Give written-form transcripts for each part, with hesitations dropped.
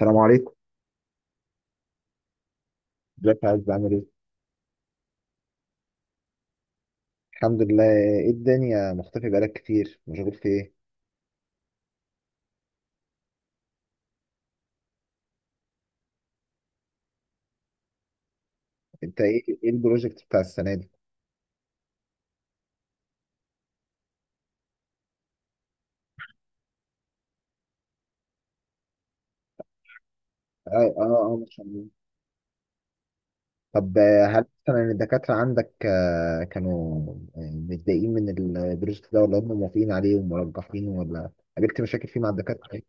السلام عليكم. ازيك يا عز، عامل ايه؟ الحمد لله. ايه الدنيا، مختفي بقالك كتير، مشغول في ايه؟ انت ايه، ايه البروجكت بتاع السنة دي؟ اه اه اه، ما شاء الله. طب هل مثلا الدكاترة عندك كانوا آه، متضايقين من البروجكت ده، ولا هم موافقين عليه ومرجحينه، ولا قابلت مشاكل فيه مع الدكاترة؟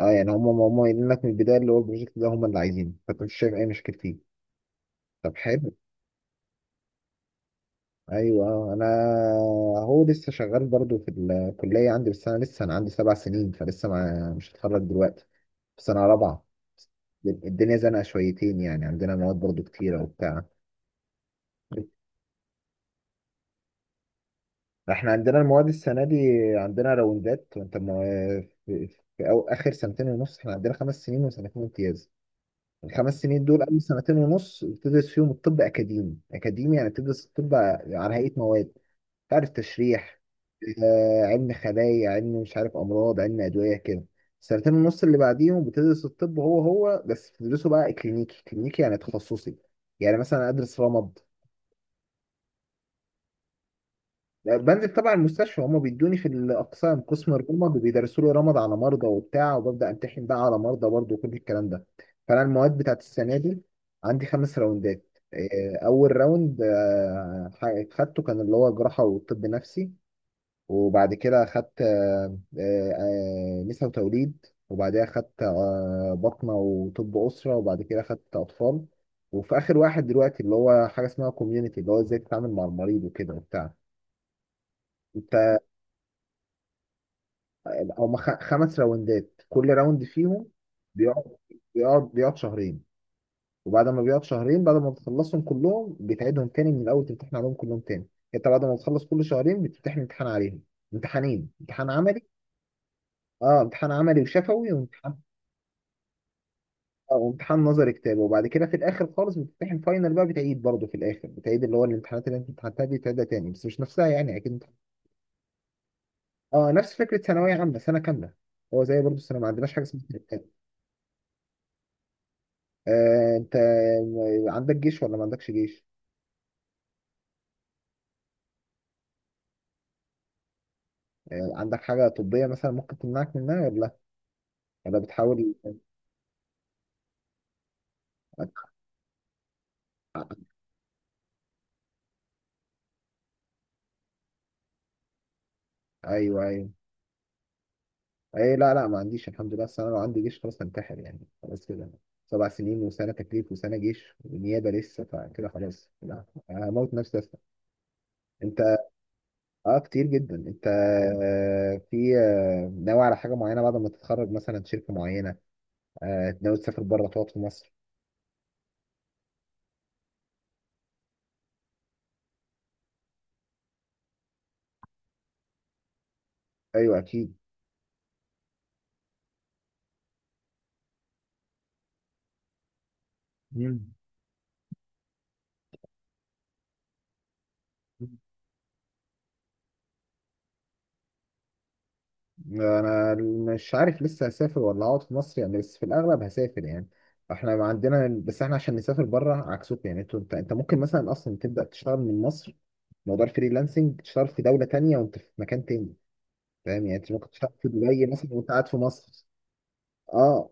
اه، يعني هم قايلين لك من البداية اللي هو البروجكت ده هم اللي عايزينه، فانت مش شايف اي مشاكل فيه. طب حلو. ايوه. انا هو لسه شغال برضو في الكليه عندي، بس انا لسه عندي سبع سنين، فلسه ما مش هتخرج دلوقتي، في سنه رابعه. الدنيا زنقه شويتين يعني، عندنا مواد برضو كتيره وبتاع. احنا عندنا المواد السنه دي عندنا راوندات، وانت ما في, في أو اخر سنتين ونص احنا عندنا خمس سنين وسنتين امتياز. الخمس سنين دول اول سنتين ونص بتدرس فيهم الطب اكاديمي، اكاديمي يعني بتدرس الطب على هيئه مواد. تعرف تشريح، علم خلايا، علم مش عارف امراض، علم ادويه كده. السنتين ونص اللي بعديهم بتدرس الطب هو بس بتدرسه بقى كلينيكي، كلينيكي يعني تخصصي. يعني مثلا ادرس رمد، بنزل طبعا المستشفى، هما بيدوني في الاقسام، قسم الرمد وبيدرسوا لي رمد على مرضى وبتاع، وببدا امتحن بقى على مرضى برضه وكل الكلام ده. فانا المواد بتاعت السنه دي عندي خمس راوندات. اول راوند خدته كان اللي هو جراحه وطب نفسي، وبعد كده أخدت نساء وتوليد، وبعدها أخدت بطنة وطب أسرة، وبعد كده أخدت أطفال، وفي آخر واحد دلوقتي اللي هو حاجة اسمها كوميونيتي، اللي هو إزاي تتعامل مع المريض وكده وبتاع. أنت هما خمس راوندات، كل راوند فيهم بيقعد بيقعد شهرين. وبعد ما بيقعد شهرين، بعد ما بتخلصهم كلهم بتعيدهم تاني من الأول، تمتحن عليهم كلهم تاني. أنت بعد ما بتخلص كل شهرين بتمتحن امتحان عليهم، امتحانين، امتحان عملي. اه، امتحان عملي وشفوي، وامتحان، اه، امتحان نظري كتاب. وبعد كده في الاخر خالص بتمتحن فاينل بقى، بتعيد برضه في الاخر بتعيد اللي هو الامتحانات اللي انت امتحنتها دي، بتعيدها تاني بس مش نفسها يعني، اكيد. انت اه نفس فكره ثانويه عامه سنه كامله، هو زي برضه السنه، ما عندناش حاجه اسمها ترتيب. انت عندك جيش ولا ما عندكش جيش؟ عندك حاجه طبيه مثلا ممكن تمنعك منها ولا لا؟ ولا بتحاول؟ ايوه، ايوه. اي، لا لا، ما عنديش الحمد لله، بس انا لو عندي جيش خلاص هنتحر يعني، خلاص كده سبع سنين وسنه تكليف وسنه جيش ونيابه لسه، فكده خلاص لا، هموت نفسي. انت اه كتير جدا. انت آه، في آه، ناوي على حاجه معينه بعد ما تتخرج، مثلا شركه معينه؟ ناوي تسافر بره، تقعد في مصر؟ ايوه اكيد. مم. انا مش عارف لسه، هسافر ولا هقعد في مصر يعني، بس في الاغلب هسافر يعني. احنا ما عندنا، بس احنا عشان نسافر بره عكسكم، يعني انت، انت ممكن مثلا اصلا تبدا تشتغل من مصر. موضوع الفريلانسنج، تشتغل في دوله تانية وانت في مكان تاني. فاهم؟ يعني انت ممكن تشتغل في دبي مثلا وانت قاعد في مصر. اه،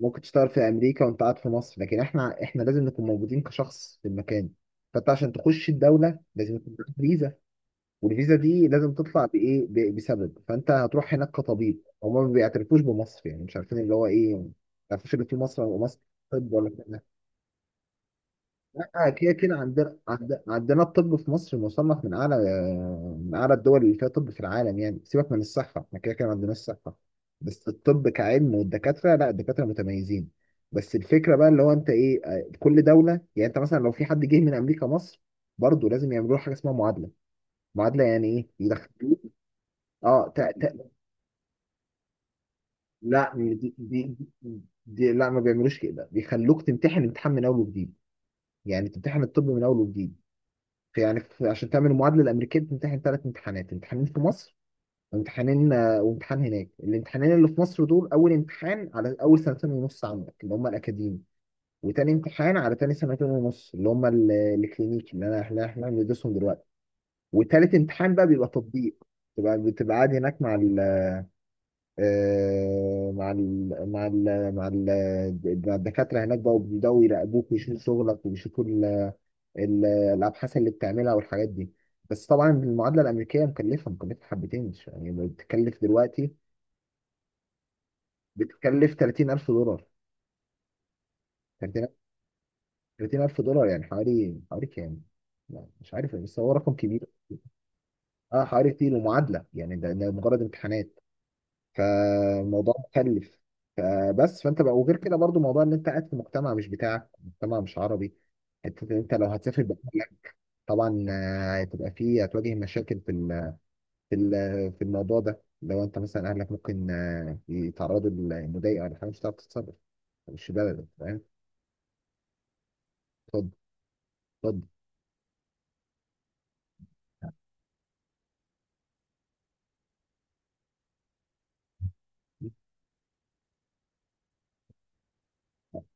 ممكن تشتغل في امريكا وانت قاعد في مصر، لكن احنا لازم نكون موجودين كشخص في المكان. فانت عشان تخش الدوله لازم يكون معاك فيزا، والفيزا دي لازم تطلع بايه، بسبب. فانت هتروح هناك كطبيب، هما ما بيعترفوش بمصر يعني، مش عارفين اللي هو ايه، ما يعرفوش اللي في مصر، ومصر، طب ولا كده. لا، كده كده عندنا، عندنا الطب في مصر مصنف من اعلى، من اعلى الدول اللي فيها طب في العالم يعني. سيبك من الصحه، احنا كده كده عندنا الصحه، بس الطب كعلم والدكاتره، لا الدكاتره متميزين. بس الفكره بقى اللي هو انت ايه، كل دوله، يعني انت مثلا لو في حد جه من امريكا مصر برضه لازم يعملوا له حاجه اسمها معادله. معادله يعني ايه، يدخلوك اه تا تا لا، دي لا، ما بيعملوش كده، بيخلوك تمتحن امتحان من اول وجديد، يعني تمتحن الطب من اول وجديد. في يعني في، عشان تعمل المعادله الامريكيه بتمتحن ثلاث امتحانات، امتحانين في مصر وامتحانين، وامتحان هناك. الامتحانين اللي في مصر دول، اول امتحان على اول سنتين ونص عندك اللي هم الاكاديمي، وتاني امتحان على تاني سنتين ونص اللي هم الكلينيكي اللي انا، اللي احنا بندرسهم دلوقتي. وتالت امتحان بقى بيبقى تطبيق، تبقى بتبقى قاعد هناك مع ال، مع مع الدكاترة هناك بقى، وبيبدأوا يراقبوك ويشوفوا شغلك، ويشوفوا ال- الأبحاث اللي بتعملها والحاجات دي. بس طبعا المعادلة الأمريكية مكلفة، مكلفة حبتين يعني، بتكلف دلوقتي، بتكلف 30000$. 30000$ يعني حوالي، حوالي كام؟ لا، مش عارف، بس هو رقم كبير. اه حوالي كتير. ومعادلة يعني ده مجرد امتحانات، فالموضوع مكلف. فبس فانت بقى، وغير كده برضو موضوع ان انت قاعد في مجتمع مش بتاعك، مجتمع مش عربي. انت لو هتسافر بأهلك طبعا، هتبقى فيه، هتواجه مشاكل في الموضوع ده. لو انت مثلا اهلك ممكن يتعرضوا لمضايقه ولا حاجه، مش هتعرف تتصرف، مش بلدك، فاهم؟ اتفضل، اتفضل.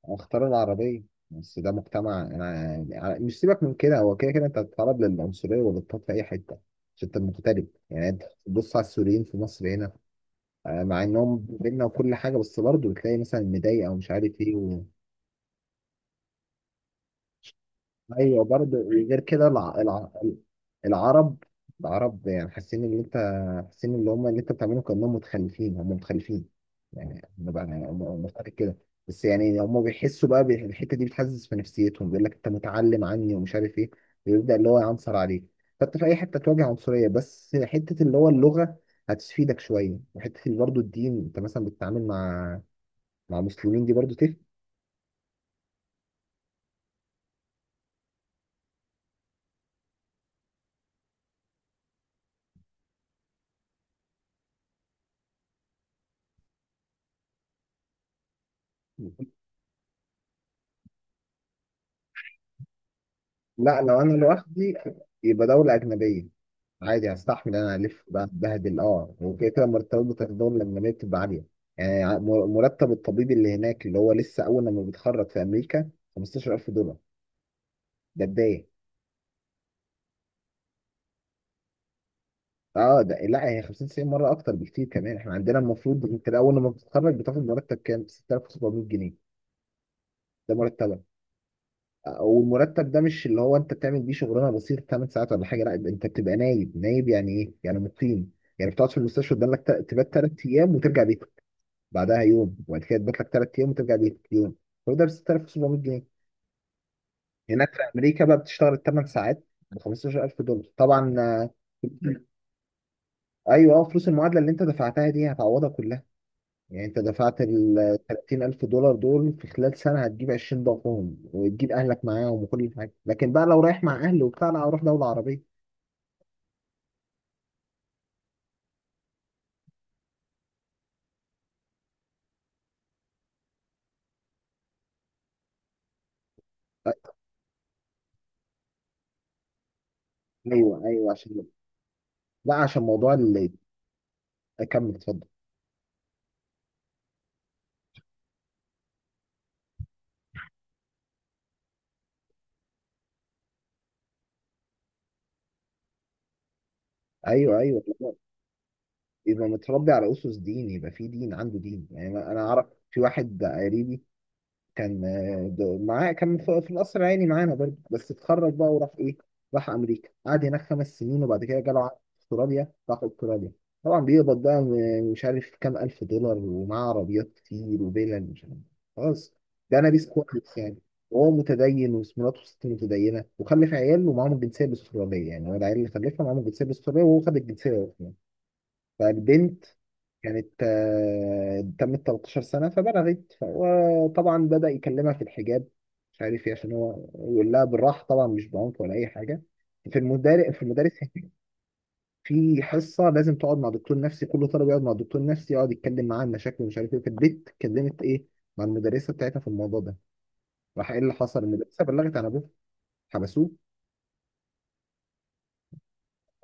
اختار العربية، بس ده مجتمع، انا يعني، مش سيبك من كده، هو كده كده انت هتتعرض للعنصرية والاضطهاد في اي حتة، عشان انت مغترب. يعني انت بص على السوريين في مصر هنا، مع انهم بينا وكل حاجة، بس برضه بتلاقي مثلا مضايق او مش عارف ايه. ايوه، برضه غير كده العرب، العرب يعني حاسين ان انت، حاسين اللي هم اللي انت بتعمله كانهم متخلفين، هم متخلفين يعني بقى مفتكر كده. بس يعني هم بيحسوا بقى الحته دي بتحسس في نفسيتهم، بيقول لك انت متعلم عني، ومش عارف ايه، ويبدا اللي هو يعنصر عليك. فانت في اي حته تواجه عنصريه، بس حته اللي هو اللغه هتفيدك شويه، وحته برضه الدين، انت مثلا بتتعامل مع، مع مسلمين، دي برضه تفرق. لا لو انا لوحدي، يبقى دولة أجنبية عادي، هستحمل انا الف بقى اتبهدل اه، وكده كده مرتبات بتاعت الدول الاجنبيه بتبقى عاليه. يعني مرتب الطبيب اللي هناك اللي هو لسه اول لما بيتخرج في امريكا 15000$، ده بدايه. اه ده، لا هي 50 90 مره اكتر بكتير كمان. احنا عندنا المفروض انت اول لما بتتخرج بتاخد مرتب كام؟ 6700 جنيه، ده مرتبك. والمرتب ده مش اللي هو انت بتعمل بيه شغلانه بسيطه 8 ساعات ولا حاجه، لا، انت بتبقى نايب، نايب يعني ايه يعني، مقيم، يعني بتقعد في المستشفى. قدامك تبات 3 ايام وترجع بيتك بعدها يوم، وبعد كده تبات لك 3 ايام وترجع بيتك يوم. كل ده ب 6700 جنيه. هناك في امريكا بقى بتشتغل 8 ساعات ب 15000$ طبعا. ايوه اه، فلوس المعادله اللي انت دفعتها دي هتعوضها كلها. يعني انت دفعت ال 30000$ دول في خلال سنه هتجيب 20 ضعفهم، وتجيب اهلك معاهم وكل حاجه. لكن بقى لو رايح مع اهلي وبتاع، لا، اروح دوله عربيه. ايوه ايوه، عشان، لا عشان موضوع اللي، اكمل اتفضل. ايوه ايوه، يبقى متربي على اسس دين، يبقى في دين، عنده دين يعني. أنا اعرف في واحد قريبي، كان معاه كان في، في القصر العيني معانا برضه، بس اتخرج بقى وراح ايه، راح امريكا، قعد هناك خمس سنين، وبعد كده جاله عقد في استراليا، راح استراليا. طبعا بيقبض بقى مش عارف كام الف دولار، ومعاه عربيات كتير وفيلل مش عارف، خلاص، ده نبيس كويس يعني. وهو متدين، ومراته ست متدينه، وخلف عيال ومعاهم الجنسيه الاستراليه، يعني هو العيال اللي خلفها معاهم الجنسيه الاستراليه، وهو خد الجنسيه. فبنت كانت تمت 13 سنة فبلغت، وطبعا بدأ يكلمها في الحجاب، مش عارف ايه، عشان هو يقول لها بالراحة طبعا، مش بعنف ولا أي حاجة. في المدارس، في المدارس في حصة لازم تقعد مع دكتور نفسي، كل طالب يقعد مع دكتور نفسي، يقعد يتكلم معاه عن مشاكله ومش عارف ايه. فالبنت اتكلمت ايه، مع المدرسة بتاعتها في الموضوع ده. راح ايه اللي حصل، المدرسة بلغت عن ابوه، حبسوه.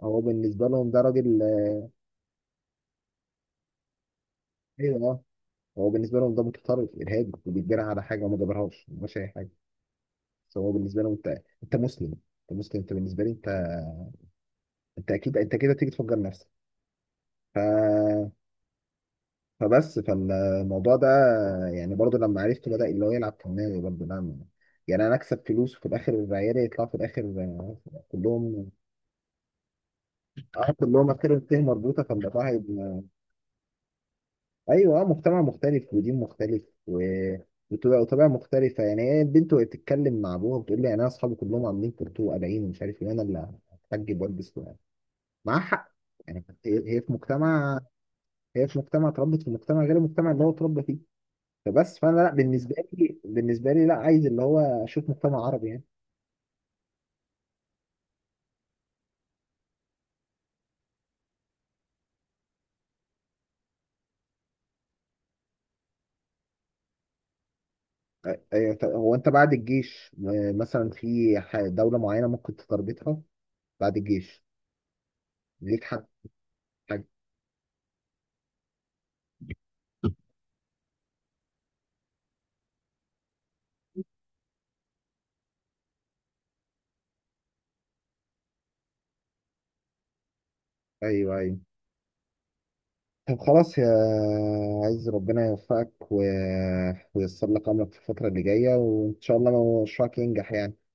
هو بالنسبة لهم ده راجل، ايوه اه، هو بالنسبة لهم ده متطرف إرهابي وبيتجرى على حاجة، وما جابرهاش، ما جابش أي حاجة. فهو بالنسبه له انت، انت مسلم، انت مسلم، انت بالنسبه لي انت، انت اكيد انت كده تيجي تفجر نفسك. ف... فبس فالموضوع ده يعني برضو لما عرفته بدأ اللي هو يلعب كمان برضو، نعم. يعني انا اكسب فلوس، وفي الاخر عيالي يطلعوا في الاخر، كلهم اه كلهم اخر، انتهي مربوطه، فالموضوع هيبقى، ايوه اه، مجتمع مختلف ودين مختلف، و... وطبيعة، وطبيعة مختلفة يعني. هي البنت وهي بتتكلم مع أبوها بتقول لي، يعني أنا أصحابي كلهم عاملين كورتو وقلعين ومش عارف إيه، أنا اللي هتحجب وألبس معاه. هي في مجتمع، هي في مجتمع، اتربت في مجتمع غير المجتمع اللي هو اتربى فيه. فبس فانا لا، بالنسبه لي، بالنسبه لي لا، عايز اللي هو اشوف مجتمع عربي يعني. أيوة، طب هو انت بعد الجيش مثلا في دوله معينه ممكن تتربطها بعد الجيش ليك، حد، حاجه؟ ايوه، ايوه. طب خلاص يا، عايز ربنا يوفقك و، وييسر لك امرك في الفتره اللي جايه، وان شاء الله مشروعك ينجح يعني.